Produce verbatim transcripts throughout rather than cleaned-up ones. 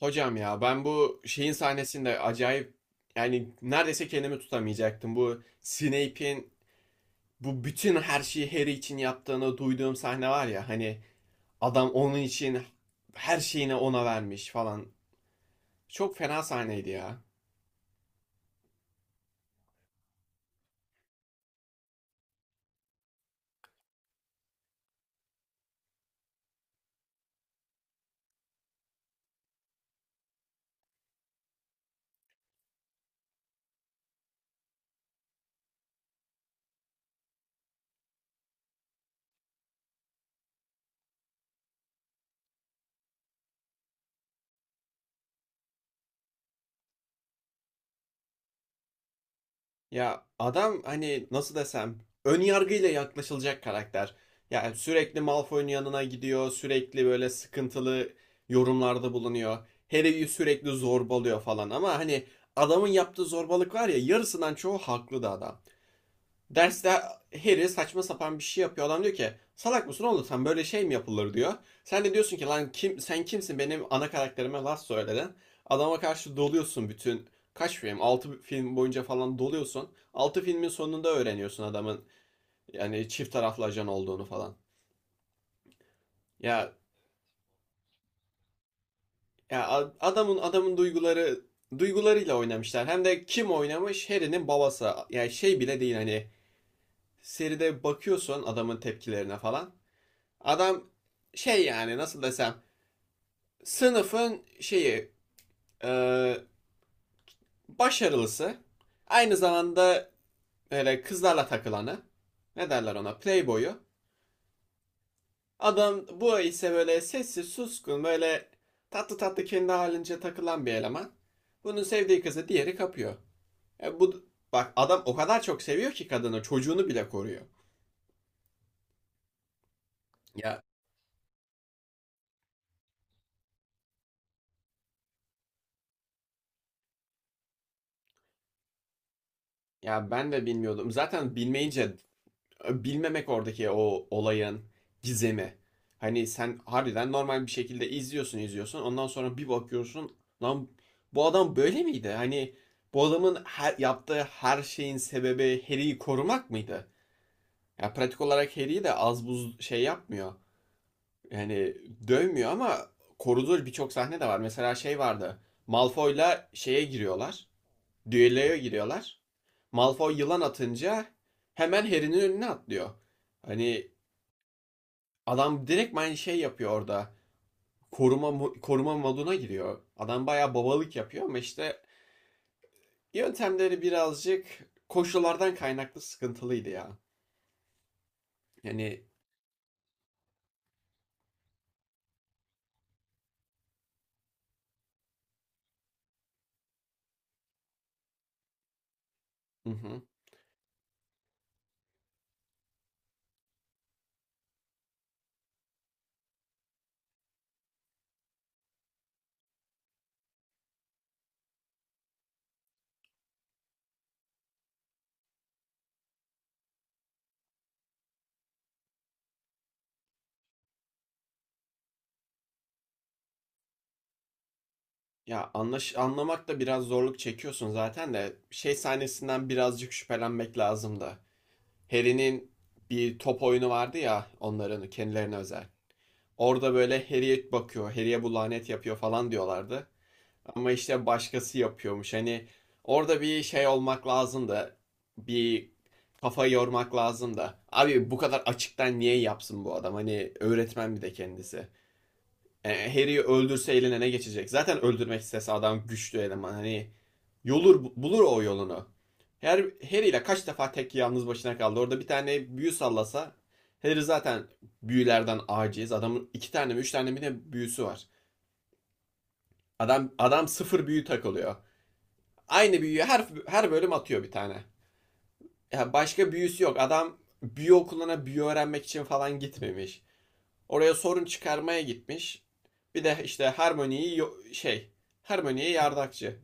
Hocam ya ben bu şeyin sahnesinde acayip yani neredeyse kendimi tutamayacaktım. Bu Snape'in bu bütün her şeyi Harry için yaptığını duyduğum sahne var ya hani adam onun için her şeyini ona vermiş falan. Çok fena sahneydi ya. Ya adam hani nasıl desem ön yargıyla yaklaşılacak karakter. Yani sürekli Malfoy'un yanına gidiyor, sürekli böyle sıkıntılı yorumlarda bulunuyor. Harry'i sürekli zorbalıyor falan ama hani adamın yaptığı zorbalık var ya yarısından çoğu haklı da adam. Derste Harry saçma sapan bir şey yapıyor. Adam diyor ki salak mısın oğlum sen böyle şey mi yapılır diyor. Sen de diyorsun ki lan kim sen kimsin benim ana karakterime laf söyledin. Adama karşı doluyorsun bütün kaç film altı film boyunca falan doluyorsun. Altı filmin sonunda öğreniyorsun adamın yani çift taraflı ajan olduğunu falan. Ya ya adamın adamın duyguları duygularıyla oynamışlar. Hem de kim oynamış? Harry'nin babası. Yani şey bile değil hani seride bakıyorsun adamın tepkilerine falan. Adam şey yani nasıl desem sınıfın şeyi e, başarılısı aynı zamanda böyle kızlarla takılanı ne derler ona playboyu. Adam bu ise böyle sessiz suskun böyle tatlı tatlı kendi halince takılan bir eleman. Bunun sevdiği kızı diğeri kapıyor. E bu bak adam o kadar çok seviyor ki kadını çocuğunu bile koruyor. Ya ya ben de bilmiyordum. Zaten bilmeyince bilmemek oradaki o olayın gizemi. Hani sen harbiden normal bir şekilde izliyorsun izliyorsun. Ondan sonra bir bakıyorsun lan bu adam böyle miydi? Hani bu adamın her, yaptığı her şeyin sebebi Harry'i korumak mıydı? Ya pratik olarak Harry'i de az buz şey yapmıyor. Yani dövmüyor ama koruduğu birçok sahne de var. Mesela şey vardı. Malfoy'la şeye giriyorlar. Düelloya giriyorlar. Malfoy yılan atınca hemen Harry'nin önüne atlıyor. Hani adam direkt aynı şey yapıyor orada. Koruma koruma moduna giriyor. Adam bayağı babalık yapıyor ama işte yöntemleri birazcık koşullardan kaynaklı sıkıntılıydı ya. Yani hı hı. Ya anlaş anlamak da biraz zorluk çekiyorsun zaten de şey sahnesinden birazcık şüphelenmek lazım da. Harry'nin bir top oyunu vardı ya onların kendilerine özel. Orada böyle Harry'e bakıyor, Harry'e bu lanet yapıyor falan diyorlardı. Ama işte başkası yapıyormuş. Hani orada bir şey olmak lazım da bir kafa yormak lazım da. Abi bu kadar açıktan niye yapsın bu adam? Hani öğretmen bir de kendisi. E, Harry'i öldürse eline ne geçecek? Zaten öldürmek istese adam güçlü eleman. Hani yolur bulur o yolunu. Her Harry ile kaç defa tek yalnız başına kaldı. Orada bir tane büyü sallasa Harry zaten büyülerden aciz. Adamın iki tane mi üç tane mi ne büyüsü var. Adam adam sıfır büyü takılıyor. Aynı büyüyü her her bölüm atıyor bir tane. Ya başka büyüsü yok. Adam büyü okuluna büyü öğrenmek için falan gitmemiş. Oraya sorun çıkarmaya gitmiş. Bir de işte Harmony'yi şey, Harmony'ye yardakçı.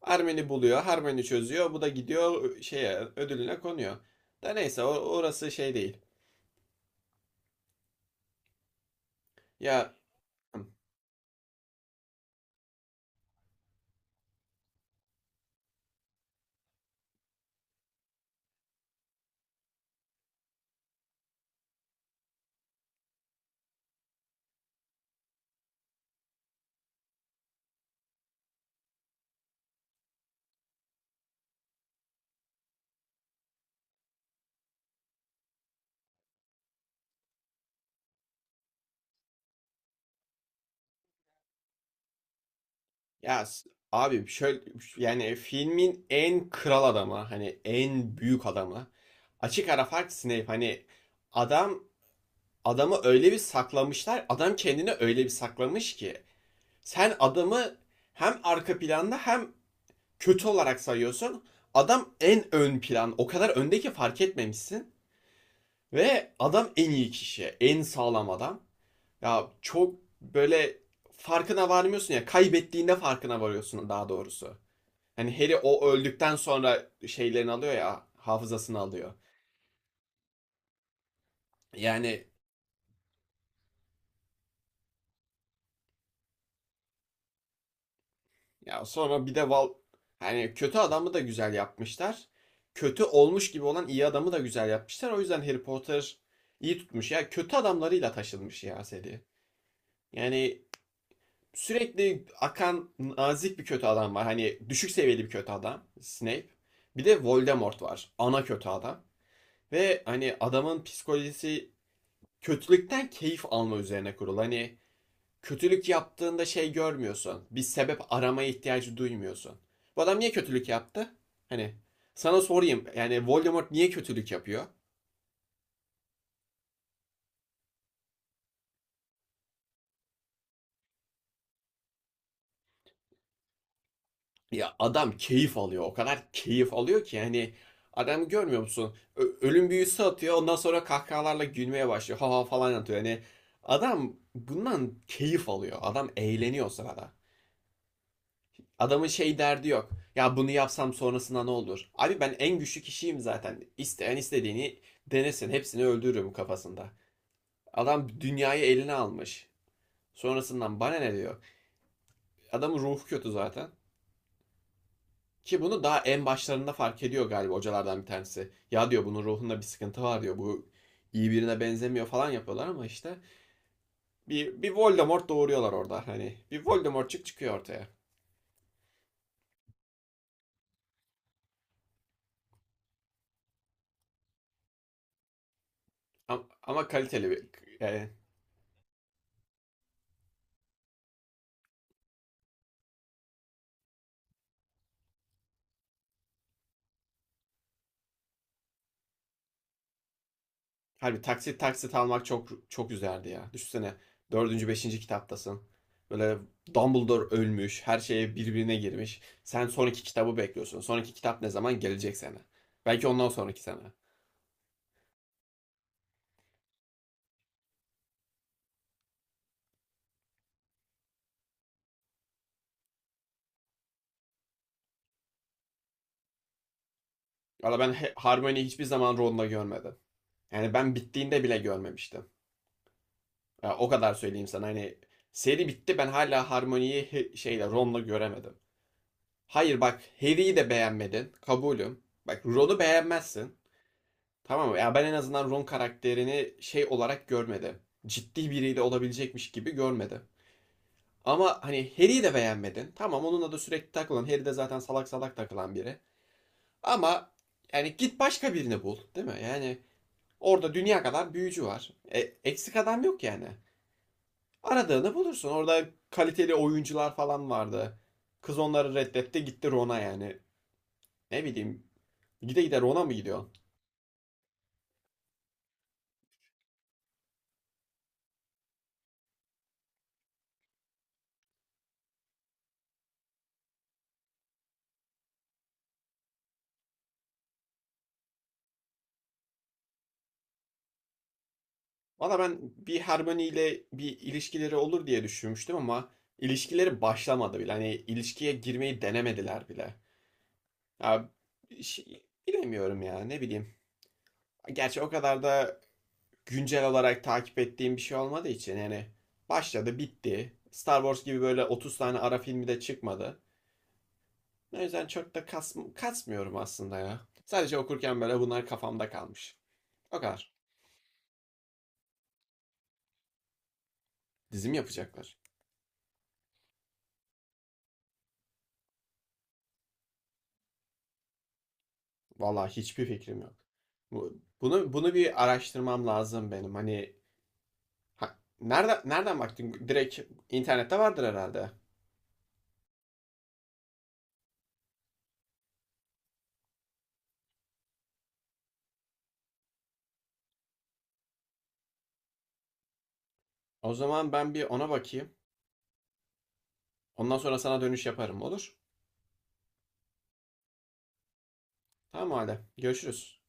Harmony buluyor, Harmony çözüyor. Bu da gidiyor şeye ödülüne konuyor. Da neyse orası şey değil. Ya, hı. Ya s- abi şöyle yani filmin en kral adamı hani en büyük adamı açık ara fark Snape hani adam adamı öyle bir saklamışlar adam kendini öyle bir saklamış ki sen adamı hem arka planda hem kötü olarak sayıyorsun. Adam en ön plan. O kadar önde ki fark etmemişsin. Ve adam en iyi kişi. En sağlam adam. Ya çok böyle farkına varmıyorsun ya. Kaybettiğinde farkına varıyorsun daha doğrusu. Hani Harry o öldükten sonra şeylerini alıyor ya. Hafızasını alıyor. Yani ya sonra bir de Val... yani kötü adamı da güzel yapmışlar. Kötü olmuş gibi olan iyi adamı da güzel yapmışlar. O yüzden Harry Potter iyi tutmuş ya. Kötü adamlarıyla taşınmış ya seri. Yani sürekli akan nazik bir kötü adam var. Hani düşük seviyeli bir kötü adam Snape. Bir de Voldemort var. Ana kötü adam. Ve hani adamın psikolojisi kötülükten keyif alma üzerine kurulu. Hani kötülük yaptığında şey görmüyorsun. Bir sebep aramaya ihtiyacı duymuyorsun. Bu adam niye kötülük yaptı? Hani sana sorayım. Yani Voldemort niye kötülük yapıyor? Ya adam keyif alıyor. O kadar keyif alıyor ki hani adamı görmüyor musun? Ö- ölüm büyüsü atıyor. Ondan sonra kahkahalarla gülmeye başlıyor. Ha ha falan atıyor. Yani adam bundan keyif alıyor. Adam eğleniyor o sırada. Adamın şey derdi yok. Ya bunu yapsam sonrasında ne olur? Abi ben en güçlü kişiyim zaten. İsteyen istediğini denesin. Hepsini öldürürüm kafasında. Adam dünyayı eline almış. Sonrasından bana ne diyor? Adamın ruhu kötü zaten. Ki bunu daha en başlarında fark ediyor galiba hocalardan bir tanesi. Ya diyor bunun ruhunda bir sıkıntı var diyor. Bu iyi birine benzemiyor falan yapıyorlar ama işte bir, bir Voldemort doğuruyorlar orada. Hani bir Voldemortçuk çıkıyor ortaya. Ama, ama kaliteli bir yani harbi taksit taksit almak çok çok güzeldi ya. Düşünsene dördüncü, beşinci kitaptasın. Böyle Dumbledore ölmüş, her şeye birbirine girmiş. Sen son iki kitabı bekliyorsun. Son iki kitap ne zaman gelecek sana? Belki ondan sonraki sene. Valla ben He- Hermione'yi hiçbir zaman Ron'la görmedim. Yani ben bittiğinde bile görmemiştim. Ya o kadar söyleyeyim sana hani seri bitti ben hala Harmony'yi he- şeyle Ron'la göremedim. Hayır bak Harry'i de beğenmedin. Kabulüm. Bak Ron'u beğenmezsin. Tamam mı? Ya ben en azından Ron karakterini şey olarak görmedim. Ciddi biriyle olabilecekmiş gibi görmedim. Ama hani Harry'i de beğenmedin. Tamam onunla da sürekli takılan. Harry de zaten salak salak takılan biri. Ama yani git başka birini bul, değil mi? Yani orada dünya kadar büyücü var. E, eksik adam yok yani. Aradığını bulursun. Orada kaliteli oyuncular falan vardı. Kız onları reddetti gitti Ron'a yani. Ne bileyim gide gide Ron'a mı gidiyor? Valla ben bir Hermione ile bir ilişkileri olur diye düşünmüştüm ama ilişkileri başlamadı bile. Hani ilişkiye girmeyi denemediler bile. Ya, şey- bilemiyorum ya ne bileyim. Gerçi o kadar da güncel olarak takip ettiğim bir şey olmadığı için yani başladı bitti. Star Wars gibi böyle otuz tane ara filmi de çıkmadı. O yüzden çok da kas, kasmıyorum aslında ya. Sadece okurken böyle bunlar kafamda kalmış. O kadar. Dizim yapacaklar. Vallahi hiçbir fikrim yok. Bu, bunu bunu bir araştırmam lazım benim. Hani ha, nereden nereden baktın? Direkt internette vardır herhalde. O zaman ben bir ona bakayım. Ondan sonra sana dönüş yaparım olur? Tamam hadi. Görüşürüz.